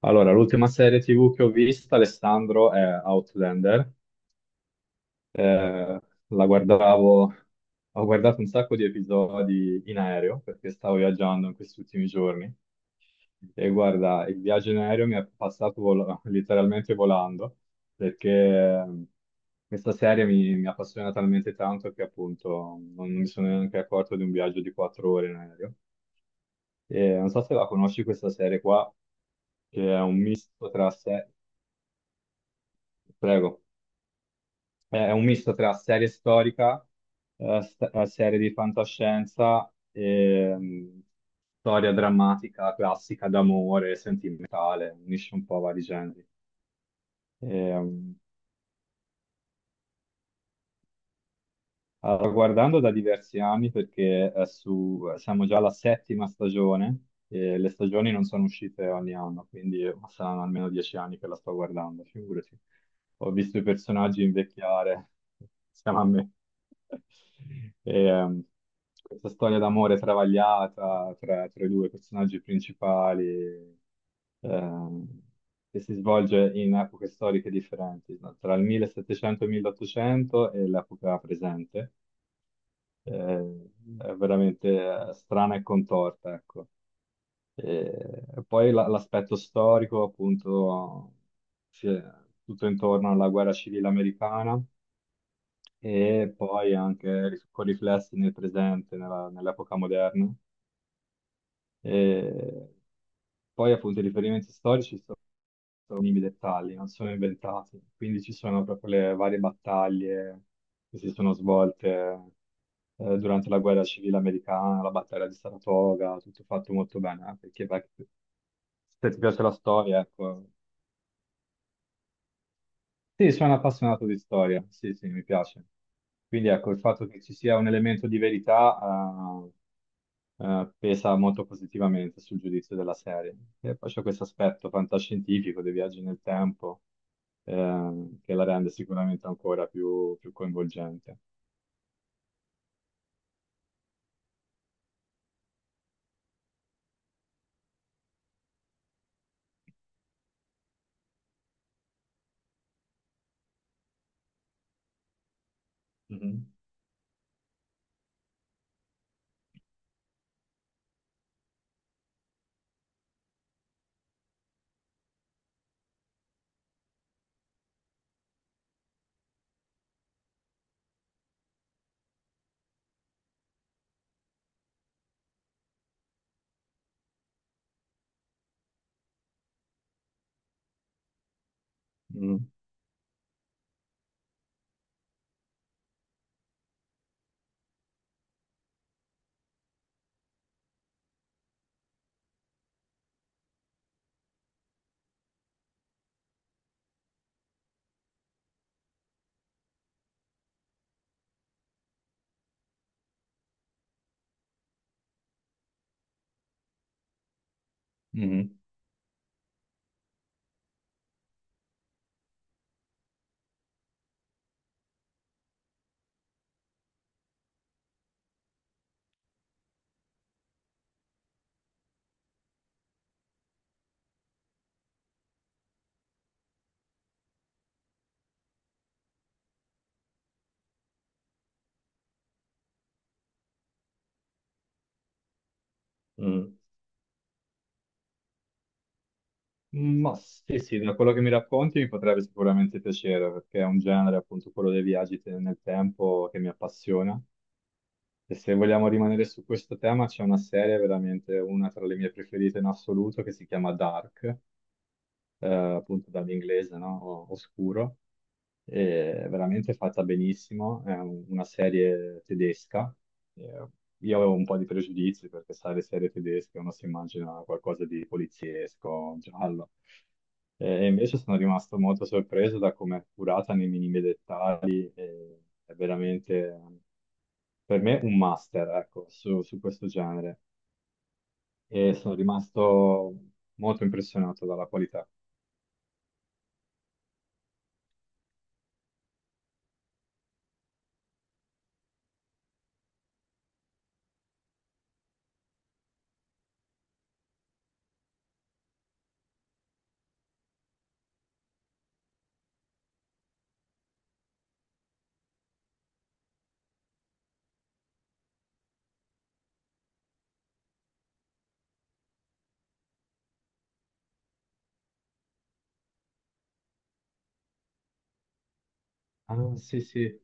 Allora, l'ultima serie TV che ho visto, Alessandro, è Outlander. Eh, la guardavo, ho guardato un sacco di episodi in aereo perché stavo viaggiando in questi ultimi giorni. E guarda, il viaggio in aereo mi è passato letteralmente volando perché questa serie mi appassiona talmente tanto che appunto non mi sono neanche accorto di un viaggio di 4 ore in aereo. E non so se la conosci questa serie qua, che è un misto tra sé. Prego. È un misto tra serie storica, serie di fantascienza e storia drammatica, classica d'amore, sentimentale, unisce un po' vari generi. Ehm, Allora, guardando da diversi anni, perché siamo già alla settima stagione, e le stagioni non sono uscite ogni anno, quindi saranno almeno 10 anni che la sto guardando, figurati. Ho visto i personaggi invecchiare insieme a me. E, ehm, Questa storia d'amore travagliata tra i due personaggi principali, ehm, che si svolge in epoche storiche differenti, no? Tra il 1700 e il 1800 e l'epoca presente eh, è veramente strana e contorta, ecco. Eh, E poi l'aspetto storico, appunto, sì, tutto intorno alla guerra civile americana e poi anche con riflessi nel presente, nell'epoca moderna. E poi, appunto, i riferimenti storici, minimi dettagli, non sono inventati. Quindi ci sono proprio le varie battaglie che si sono svolte durante la guerra civile americana, la battaglia di Saratoga, tutto fatto molto bene, perché beh, se ti piace la storia, ecco, sì, sono appassionato di storia, sì, sì, mi piace. Quindi ecco, il fatto che ci sia un elemento di verità pesa molto positivamente sul giudizio della serie. E poi c'è questo aspetto fantascientifico dei viaggi nel tempo che la rende sicuramente ancora più coinvolgente. Mhm. Mhm. Mhm. Mhm. Ma sì, sì, da quello che mi racconti mi potrebbe sicuramente piacere, perché è un genere, appunto, quello dei viaggi nel tempo che mi appassiona. E se vogliamo rimanere su questo tema, c'è una serie veramente una tra le mie preferite in assoluto che si chiama Dark, appunto dall'inglese, no? Oscuro. È veramente fatta benissimo, è una serie tedesca. Eh, Io avevo un po' di pregiudizi perché, sai, le serie tedesche uno si immagina qualcosa di poliziesco, giallo. E invece sono rimasto molto sorpreso da come è curata nei minimi dettagli. E È veramente, per me, un master, ecco, su, su questo genere. E sono rimasto molto impressionato dalla qualità. Ah, sì, sì.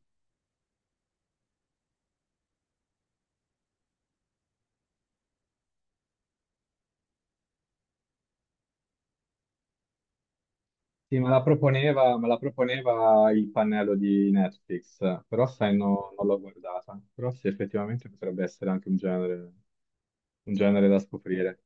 Sì, me la proponeva il pannello di Netflix, però sai, non l'ho guardata. Però sì, effettivamente potrebbe essere anche un genere da scoprire.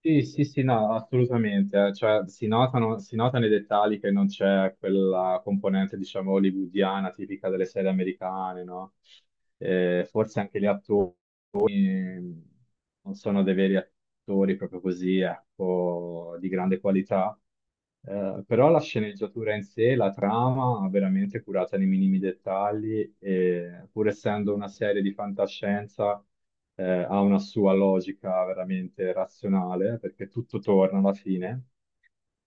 Sì, sì, sì, no, assolutamente. Eh, cioè, si nota nei dettagli che non c'è quella componente, diciamo, hollywoodiana tipica delle serie americane, no? Forse anche gli attori, ehm, non sono dei veri attori proprio così, ecco, di grande qualità. Però la sceneggiatura in sé, la trama, veramente curata nei minimi dettagli, e pur essendo una serie di fantascienza, eh, ha una sua logica veramente razionale, perché tutto torna alla fine.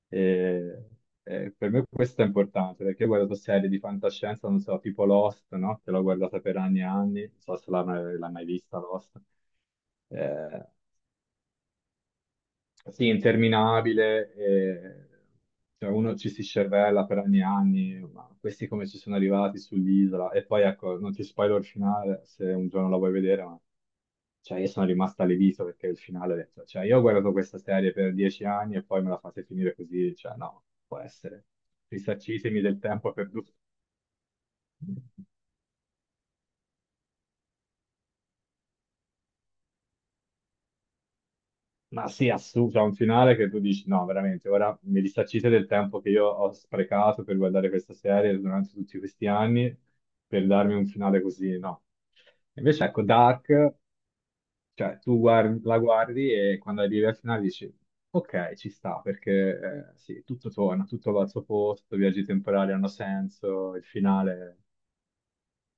E, e per me questo è importante perché io guardo serie di fantascienza, non so, tipo Lost, no? Che l'ho guardata per anni e anni, non so se l'hai mai vista Lost. Eh, sì, interminabile, e, cioè, uno ci si scervella per anni e anni, ma questi come ci sono arrivati sull'isola? E poi ecco, non ti spoiler il finale se un giorno la vuoi vedere, ma cioè, io sono rimasto allibito perché il finale, cioè io ho guardato questa serie per 10 anni e poi me la fate finire così, cioè no, può essere. Risarcitemi del tempo perduto. Ma sì, assurdo, c'è un finale che tu dici, no, veramente, ora mi risarcite del tempo che io ho sprecato per guardare questa serie durante tutti questi anni, per darmi un finale così, no. Invece, ecco, Dark, cioè, la guardi e quando arrivi al finale dici, ok, ci sta, perché sì, tutto torna, tutto va al suo posto, i viaggi temporali hanno senso, il finale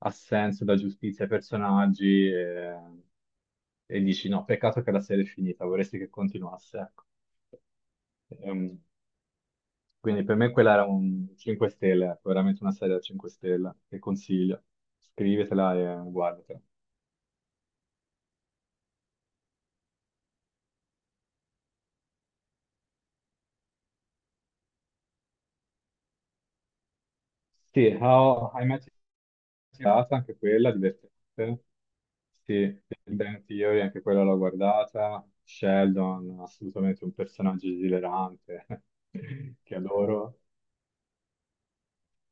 ha senso, dà giustizia ai personaggi, e dici no, peccato che la serie è finita, vorresti che continuasse, ecco. Ehm, quindi per me quella era un 5 stelle, ecco, veramente una serie da 5 stelle che consiglio. Scrivetela e guardatela. Sì, How I Met Your Mother, anche quella, divertente. Sì, Big Bang Theory, anche quella l'ho guardata. Sheldon, assolutamente un personaggio esilerante che adoro.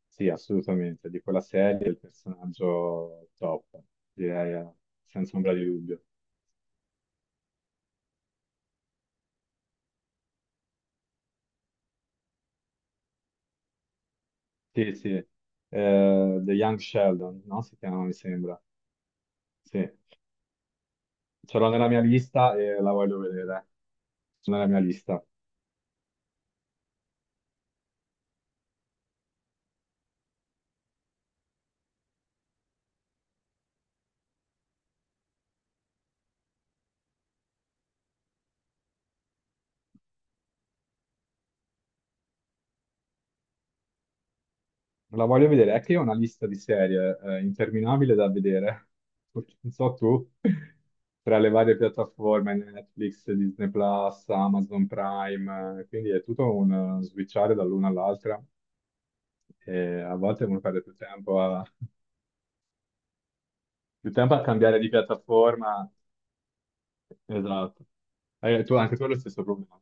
Sì, assolutamente, di quella serie è il personaggio top, direi, senza ombra di dubbio. Sì, sì. The Young Sheldon, no? Si chiama, mi sembra. Sì, ce l'ho nella mia lista e la voglio vedere. Nella mia lista. La voglio vedere, è che io ho una lista di serie, interminabile da vedere. Non so tu, tra le varie piattaforme, Netflix, Disney Plus, Amazon Prime, quindi è tutto un switchare dall'una all'altra. E a volte uno perde più tempo a cambiare di piattaforma. Esatto. Tu, anche tu hai lo stesso problema.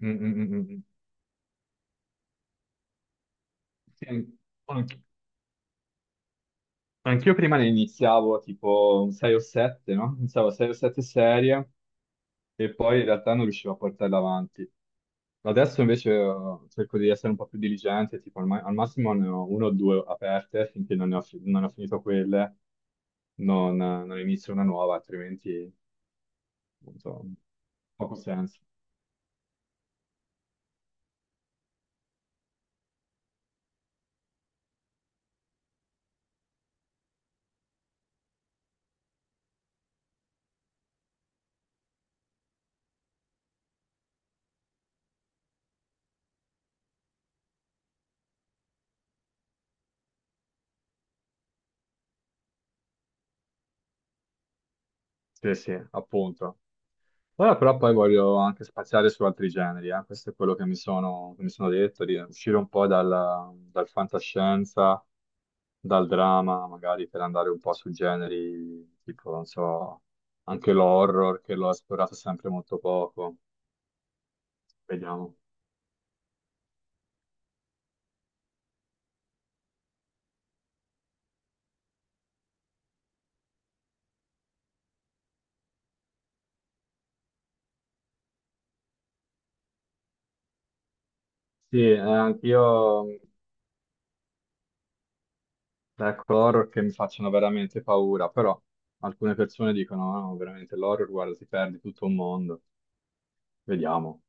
Mm, mm, mm, mm. mm. Sì, anch- anch'io prima ne iniziavo tipo 6 o 7, no? Iniziavo 6 o 7 serie e poi in realtà non riuscivo a portarle avanti. Adesso invece cerco di essere un po' più diligente, tipo al massimo ne ho uno o due aperte finché non ne ho, non ho finito quelle, non inizio una nuova, altrimenti... appunto, poco senso. Sì, sì, appunto. Ora però poi voglio anche spaziare su altri generi, eh. Questo è quello che che mi sono detto, di uscire un po' dal, dal fantascienza, dal dramma, magari per andare un po' su generi tipo, non so, anche l'horror, che l'ho esplorato sempre molto poco. Vediamo. Sì, anch'io, ecco, horror che mi facciano veramente paura, però alcune persone dicono, "Ah, no, veramente l'horror, guarda, si perde tutto un mondo." Vediamo.